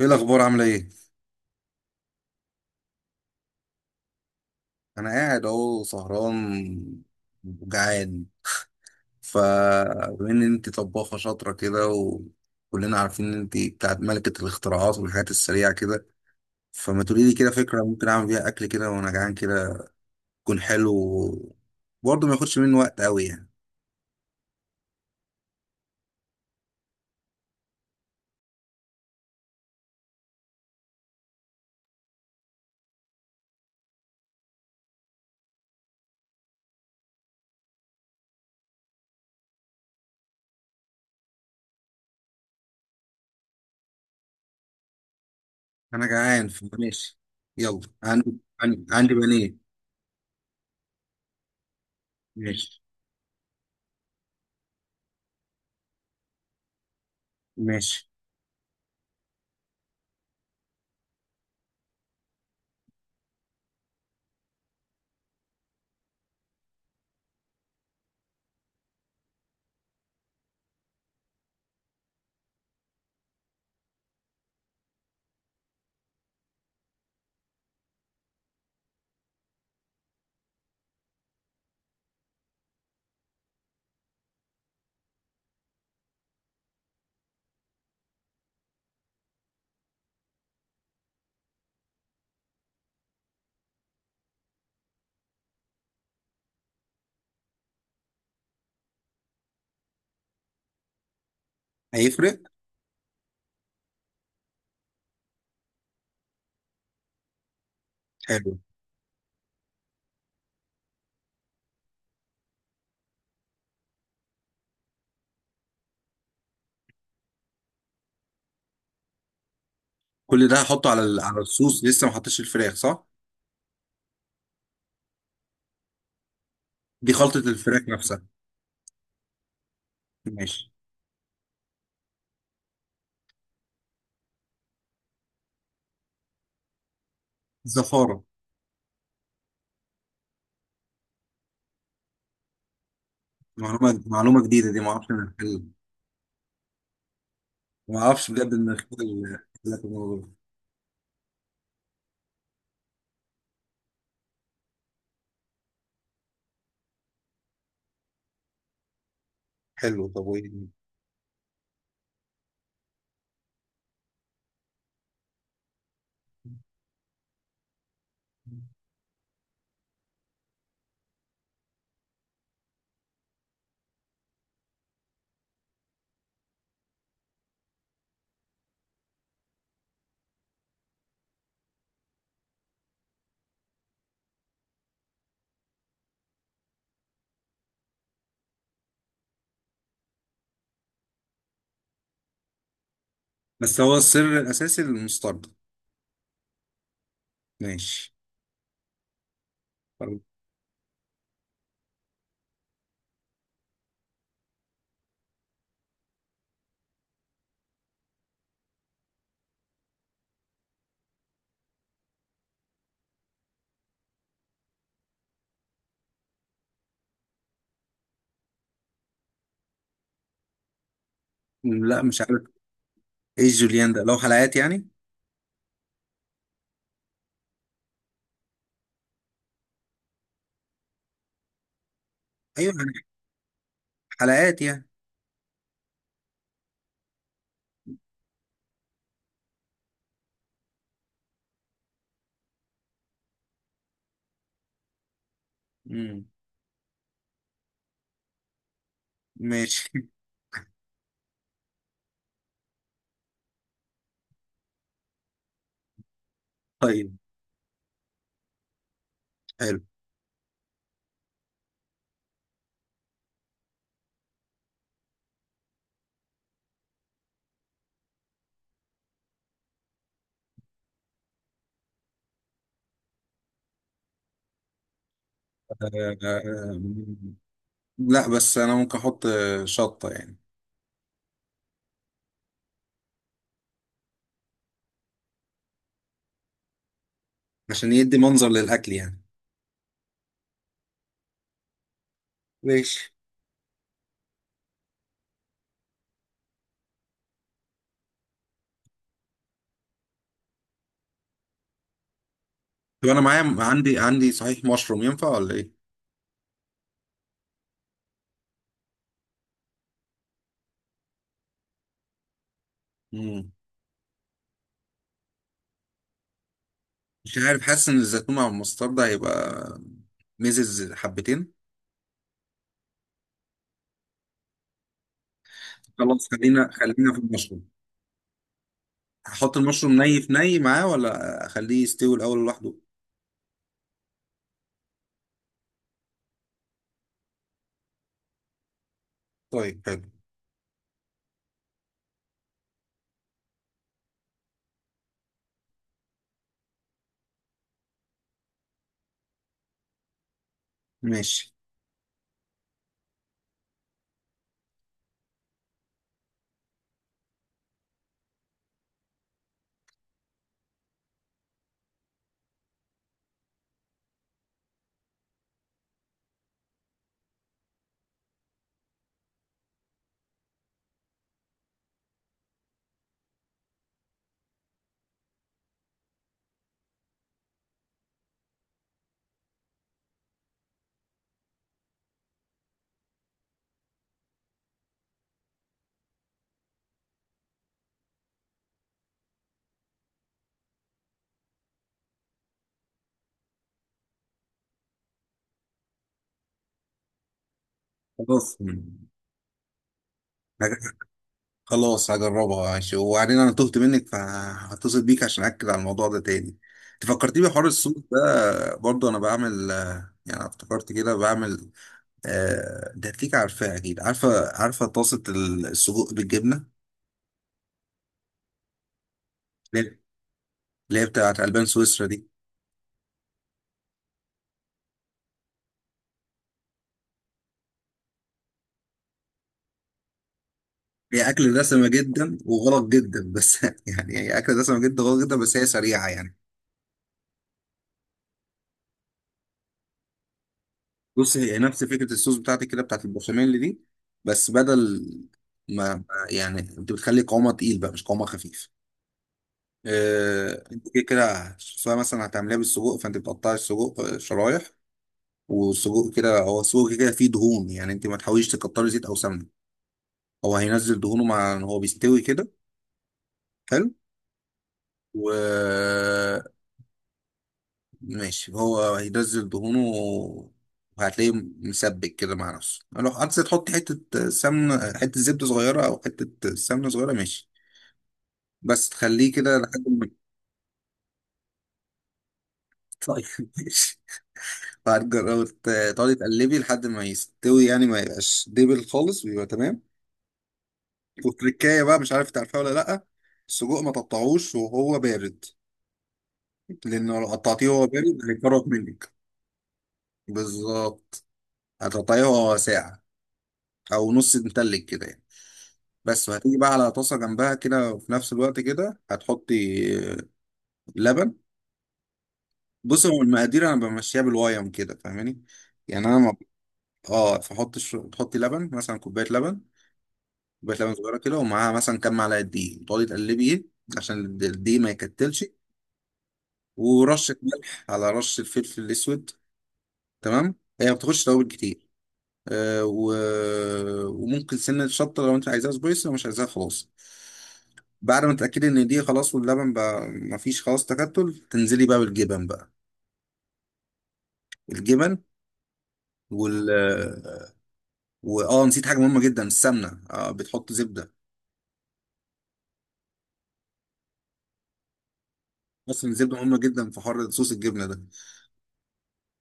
ايه الاخبار؟ عامله ايه؟ انا قاعد اهو سهران وجعان. فبما ان انت طباخه شاطره كده، وكلنا عارفين ان انت بتاعت ملكه الاختراعات والحاجات السريعه كده، فما تقولي لي كده فكره ممكن اعمل بيها اكل كده وانا جعان كده، يكون حلو، برضه ما ياخدش مني وقت قوي يعني. انا جعان فماشي. يلا عندي. عندي بانيه. ماشي. ماشي. هيفرق؟ حلو. كل ده هحطه على على الصوص؟ لسه ما حطيتش الفراخ صح؟ دي خلطه الفراخ نفسها. ماشي. زفارة. معلومة، معلومة جديدة دي، ما اعرفش من الحل. ما اعرفش بجد ان الخيل في الموضوع. حلو، طب وايه؟ بس هو السر الاساسي المستردة. ماشي. طب، لا مش عارف. ايه جوليان ده؟ لو حلقات يعني. ايوه يعني، حلقات يعني. مم. ماشي. طيب. حلو. آه، لا بس انا ممكن احط شطة يعني، عشان يدي منظر للاكل يعني. ماشي. طب انا معايا، عندي صحيح مشروم، ينفع ولا؟ ايه؟ مش عارف، حاسس ان الزيتون مع المسترد هيبقى ميزز حبتين. خلاص، خلينا في المشروم. هحط المشروم ني في ني معاه، ولا اخليه يستوي الاول لوحده؟ طيب حلو. ماشي. خلاص هج- خلاص هجربها ماشي، وبعدين انا تهت منك فهتصل بيك عشان اكد على الموضوع ده تاني. انت فكرتني بحوار الصوص ده، برضه انا بعمل يعني افتكرت كده، بعمل ده هتليك، عارفاه اكيد؟ عارفه، عارفه طاسه السجق بالجبنه؟ اللي هي بتاعت ألبان سويسرا دي. هي أكل دسمة جدا وغلط جدا بس، يعني هي أكل دسمة جدا وغلط جدا، بس هي سريعة يعني. بص، هي نفس فكرة الصوص بتاعتك كده، بتاعت البشاميل دي، بس بدل ما ما- يعني أنت بتخلي قوامها تقيل بقى، مش قوامها خفيف. أنت كده كده سواء مثلا هتعمليها بالسجق، فأنت بتقطعي السجق شرايح. والسجق كده، هو السجق كده كده فيه دهون، يعني أنت ما تحاوليش تكتري زيت أو سمنة. هو هينزل دهونه، مع إن هو بيستوي كده. حلو. و ماشي، هو هينزل دهونه، وهتلاقيه مسبك كده مع نفسه. لو عايز تحط حتة سمنة، حتة زبدة صغيرة أو حتة سمنة صغيرة، ماشي. بس تخليه كده لحد ما. طيب ماشي. وهتجربي تقعدي تقلبي لحد ما يستوي، يعني ما يبقاش دبل خالص ويبقى تمام. والتركاية بقى مش عارف تعرفها ولا لأ. السجق ما تقطعوش وهو بارد، لأنه لو قطعتيه وهو بارد هيتفرط منك. بالظبط. هتقطعيه وهو ساقع، أو نص متلج كده يعني. بس وهتيجي بقى على طاسة جنبها كده، وفي نفس الوقت كده هتحطي لبن. بص، هو المقادير انا بمشيها بالوايم كده، فاهماني؟ يعني انا ما اه، تحطي لبن مثلا، كوباية لبن، كوباية لبن صغيرة كده، ومعاها مثلا كام معلقة دقيق، وتقعدي تقلبيه عشان الدقيق ما يكتلش. ورشة ملح على رشة فلفل اسود. تمام. هي ما بتاخدش توابل كتير. آه، و... وممكن سنة شطة لو انت عايزاها سبايسي، لو مش عايزاها خلاص. بعد ما تتأكدي ان دي خلاص، واللبن بقى مفيش خلاص تكتل، تنزلي بقى بالجبن بقى، الجبن وال، واه نسيت حاجة مهمة جدا، السمنة، بتحط زبدة. اصلا الزبدة مهمة جدا في حر صوص الجبنة ده.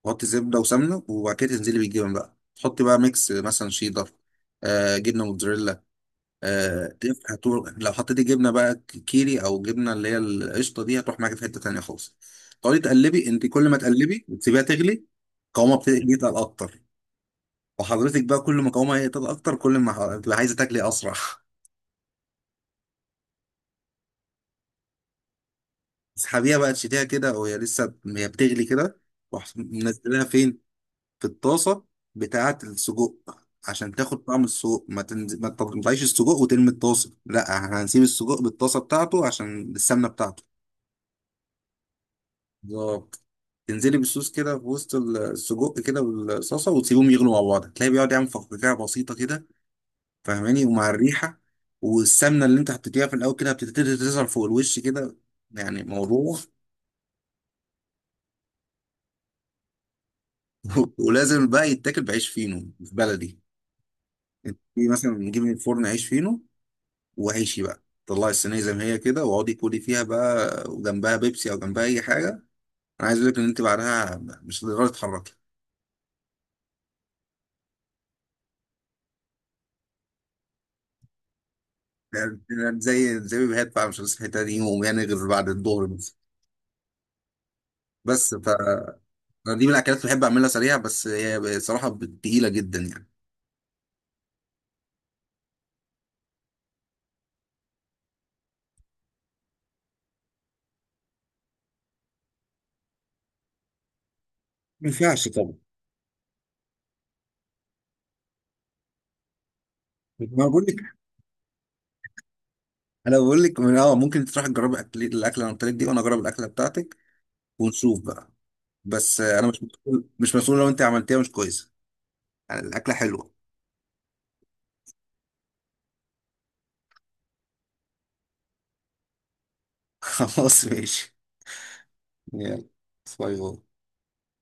تحطي زبدة وسمنة، وبعد كده تنزلي بالجبن بقى، تحطي بقى ميكس، مثلا شيدر، آه جبنة موتزاريلا. آه، تنفع، لو حطيتي جبنه بقى كيري، او جبنه اللي هي القشطه دي، هتروح معاكي في حته تانيه خالص. تقعدي تقلبي، انت كل ما تقلبي وتسيبيها تغلي، قوامها بتبتدي يتقل اكتر. وحضرتك بقى كل ما قوامها يتقل اكتر، كل ما هتبقى عايزه تاكلي اسرع. تسحبيها بقى، تشيليها كده وهي لسه هي بتغلي كده. تروح منزلها فين؟ في الطاسه بتاعه السجق، عشان تاخد طعم السجق. ما تنزل، ما تطلعيش السجق وترمي الطاسه، لا احنا هنسيب السجق بالطاسه بتاعته عشان السمنه بتاعته. بالظبط. تنزلي بالصوص كده في وسط السجق كده والصلصه، وتسيبهم يغلوا مع بعض، تلاقي بيقعد يعمل فقاقيع بسيطه كده، فاهماني؟ ومع الريحه والسمنه اللي انت حطيتيها في الاول كده، بتبتدي تظهر فوق الوش كده. يعني موضوع. ولازم بقى يتاكل بعيش فينو في بلدي. انت مثلا نجيب من الفرن عيش فينو، وعيشي بقى طلعي الصينيه زي ما هي كده، واقعدي كلي فيها بقى، وجنبها بيبسي او جنبها اي حاجه. انا عايز اقول لك ان انت بعدها مش هتقدري تتحركي. يعني زي ما بيهات بقى، مش هنسى الحته دي يوم يعني، غير بعد الظهر بس. بس ف، أنا دي من الاكلات اللي بحب اعملها سريعه، بس هي بصراحه تقيله جدا يعني. ما ينفعش طبعا. ما بقول لك، انا بقول لك من اه، ممكن تروح تجرب اكل الاكله اللي أنا قلت لك دي، وانا اجرب الاكله بتاعتك، ونشوف بقى. بس انا مش مسؤول لو انت عملتيها مش كويسه، يعني الاكله حلوه. خلاص ماشي. يلا، باي باي.